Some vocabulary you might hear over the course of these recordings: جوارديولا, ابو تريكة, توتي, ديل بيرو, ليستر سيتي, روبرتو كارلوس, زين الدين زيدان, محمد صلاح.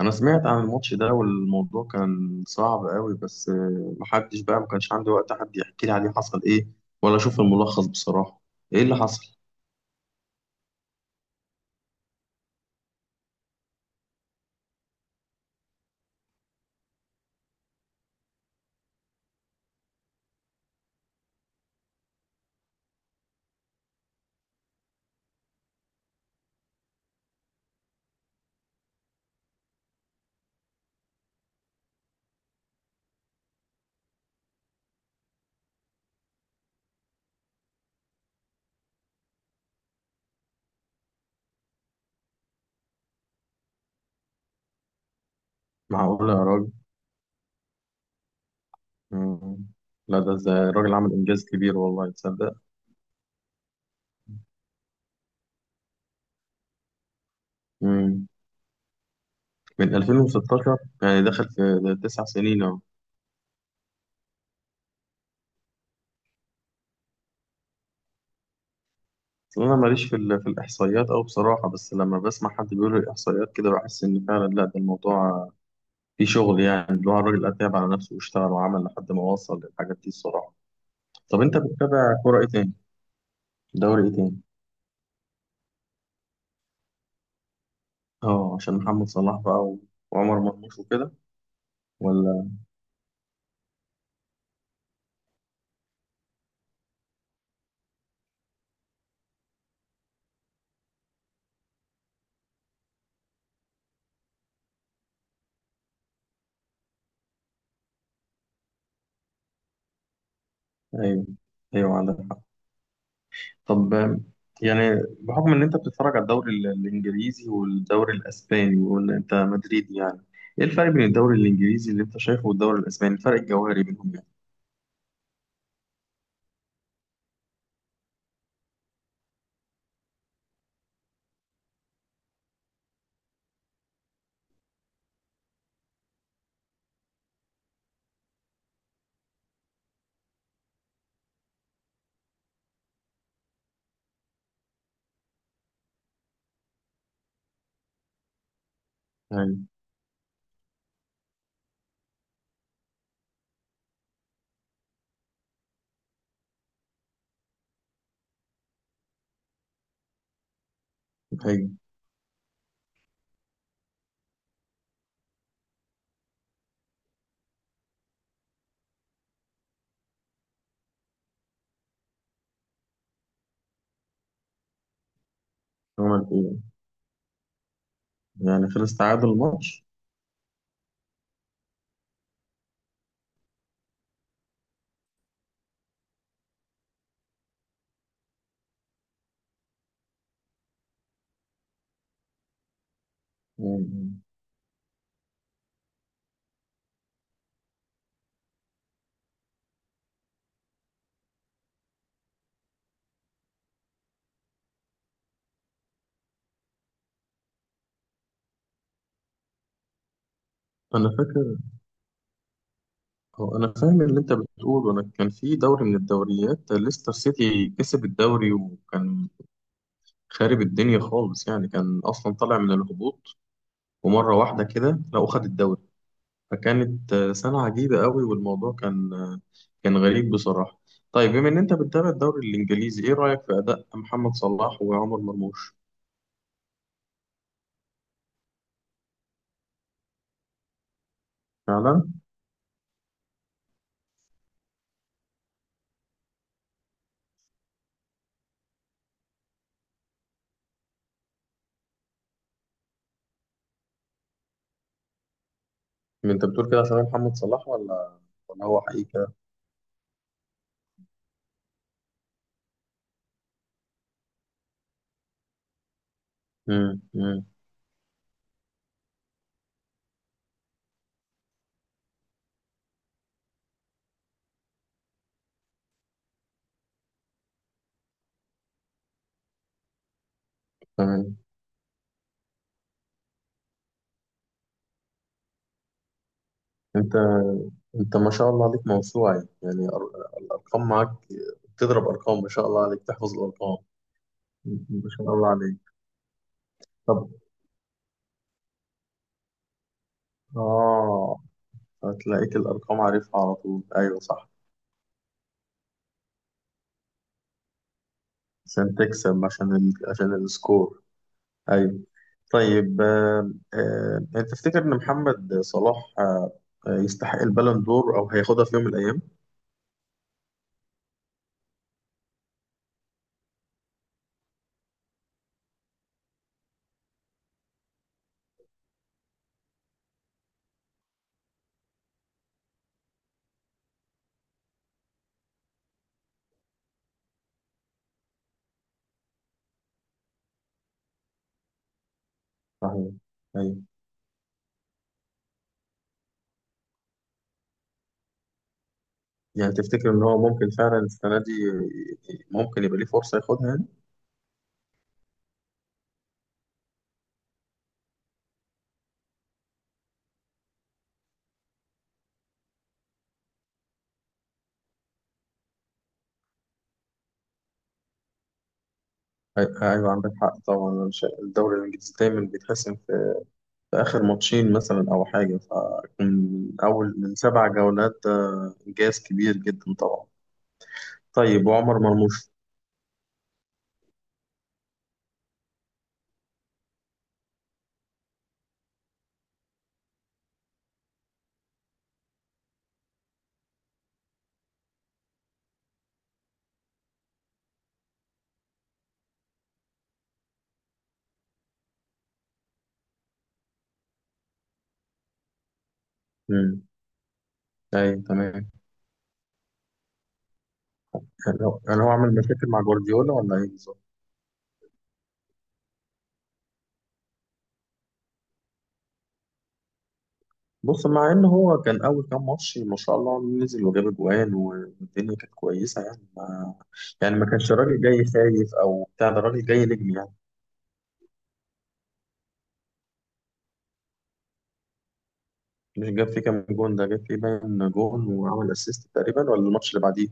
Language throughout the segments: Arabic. انا سمعت عن الماتش ده والموضوع كان صعب قوي بس محدش بقى ما كانش عندي وقت حد يحكي لي عليه حصل ايه ولا اشوف الملخص بصراحة. ايه اللي حصل؟ معقول يا راجل؟ مم. لا، ده الراجل عمل انجاز كبير، والله تصدق. مم. من 2016 يعني دخل في ده 9 سنين اهو. أصل انا ماليش في في الاحصائيات او بصراحة، بس لما بسمع حد بيقول الاحصائيات كده بحس ان فعلا لا، ده الموضوع فيه شغل، يعني اللي هو الراجل اتعب على نفسه واشتغل وعمل لحد ما وصل للحاجات دي الصراحة. طب انت بتتابع كوره ايه تاني؟ دوري ايه تاني؟ اه، عشان محمد صلاح بقى وعمر مرموش وكده؟ ولا؟ ايوه، ايوه، عندك حق. طب، يعني بحكم ان انت بتتفرج على الدوري الانجليزي والدوري الاسباني وان انت مدريدي، يعني ايه الفرق بين الدوري الانجليزي اللي انت شايفه والدوري الاسباني، الفرق الجوهري بينهم يعني؟ ايوه. ايوه، عمل ايه؟ يعني خلص تعادل الماتش؟ مم. انا فاكر. هو أنا فاهم اللي أنت بتقوله، أنا كان في دوري من الدوريات ليستر سيتي كسب الدوري، وكان خارب الدنيا خالص يعني، كان أصلا طالع من الهبوط ومرة واحدة كده لقوا خد الدوري. فكانت سنة عجيبة قوي، والموضوع كان كان غريب بصراحة. طيب بما إن أنت بتتابع الدوري الإنجليزي، إيه رأيك في أداء محمد صلاح وعمر مرموش؟ فعلا؟ أنت بتقول كده عشان محمد صلاح ولا هو حقيقة؟ مم، مم. تمام. انت انت ما شاء الله عليك، موسوعة يعني، الارقام معاك، تضرب ارقام، ما شاء الله عليك تحفظ الارقام. ما شاء الله عليك. طب. اه. هتلاقيك الارقام عارفها على طول، ايوه صح. عشان تكسب، عشان عشان السكور. ايوه. طيب، انت تفتكر ان محمد صلاح، يستحق البالون دور او هياخدها في يوم من الايام؟ صحيح. ايوه. يعني تفتكر ان هو ممكن فعلا السنة دي ممكن يبقى ليه فرصة ياخدها؟ أيوة، عندك حق طبعا. أنا الدوري الإنجليزي دايما بيتحسم في آخر ماتشين مثلا أو حاجة، فيكون من أول من سبع جولات، ده إنجاز كبير جدا طبعا. طيب وعمر مرموش؟ امم. أيوة تمام. يعني هو عمل مشاكل مع جوارديولا ولا إيه بالظبط؟ بص، مع إن هو كان أول كام ماتش ما شاء الله نزل وجاب أجوان والدنيا كانت كويسة، يعني ما كانش راجل جاي خايف أو بتاع، ده راجل جاي نجم يعني. مش جاب فيه كام جون ده؟ جاب فيه باين جون وعمل اسيست تقريبا، ولا الماتش اللي بعديه؟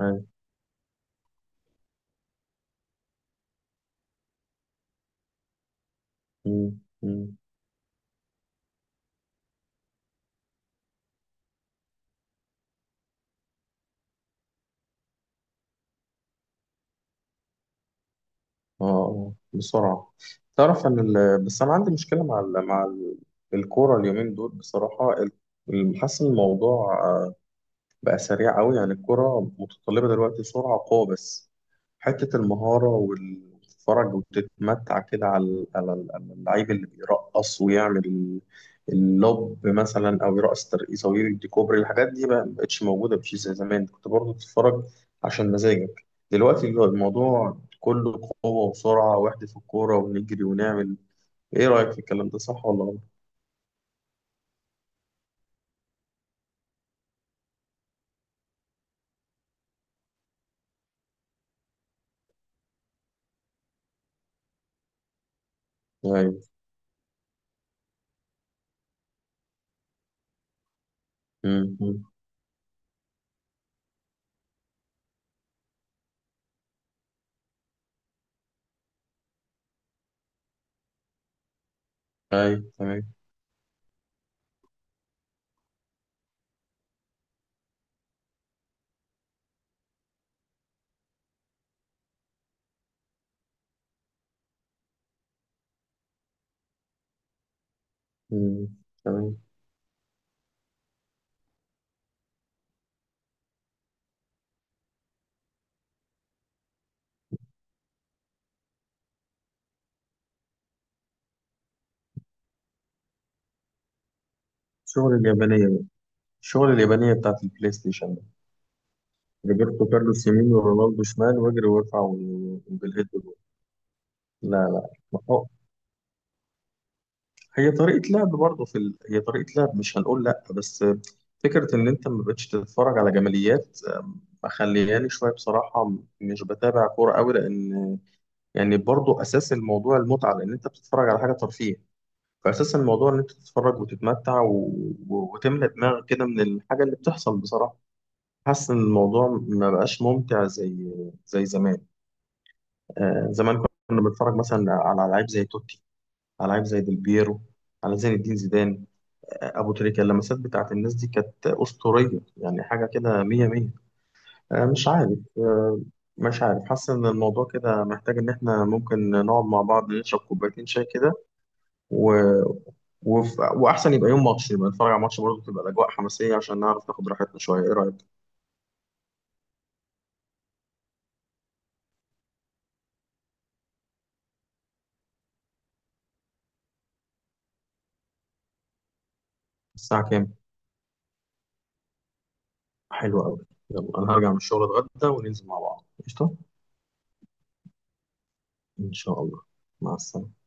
أيوة. مم. مم. اه. آه. بسرعة. تعرف ان، بس انا عندي مشكلة مع الكورة اليومين دول بصراحة، حاسس إن الموضوع بقى سريع قوي، يعني الكرة متطلبة دلوقتي سرعة وقوة بس. حتة المهارة وتتفرج وتتمتع كده على على اللعيب اللي بيرقص ويعمل اللوب مثلا، أو يرقص ترقيصة ويدي كوبري، الحاجات دي بقى مبقتش موجودة بشيء زي زمان، كنت برضه تتفرج عشان مزاجك. دلوقتي الموضوع كله قوة وسرعة، واحدة في الكورة ونجري ونعمل. إيه رأيك في الكلام ده، صح ولا غلط؟ أيوه. أمم. أيوه تمام. أمم. تمام. الشغل اليابانية، الشغل اليابانية بتاعت البلاي ستيشن ده. روبرتو كارلوس يمين ورونالدو شمال، واجري وارفع وبالهيد جول. لا، لا، ما هو- هي طريقة لعب برضه في هي طريقة لعب، مش هنقول لا، بس فكرة إن أنت ما بقتش تتفرج على جماليات، مخلياني شوية بصراحة، مش بتابع كورة أوي، لأن يعني برضه أساس الموضوع المتعة، لأن أنت بتتفرج على حاجة ترفيه. فأساس الموضوع إن أنت تتفرج وتتمتع وتملى دماغك كده من الحاجة اللي بتحصل بصراحة. حاسس ان الموضوع ما بقاش ممتع زي زمان. آه زمان، كنا بنتفرج مثلا على لعيب زي توتي، على لعيب زي ديل بيرو، على زين الدين زيدان، آه ابو تريكة. اللمسات بتاعت الناس دي كانت اسطوريه، يعني حاجه كده مية مية. مش عارف، آه مش عارف، حاسس ان الموضوع كده محتاج ان احنا ممكن نقعد مع بعض، نشرب كوبايتين شاي كده و... واحسن يبقى يوم ماتش، يبقى نتفرج على ماتش، برضه تبقى الاجواء حماسيه عشان نعرف ناخد راحتنا شويه. ايه رايك؟ الساعه كام؟ حلو قوي. يلا، انا هرجع من الشغل اتغدى وننزل مع بعض قشطه. ان شاء الله. مع السلامه.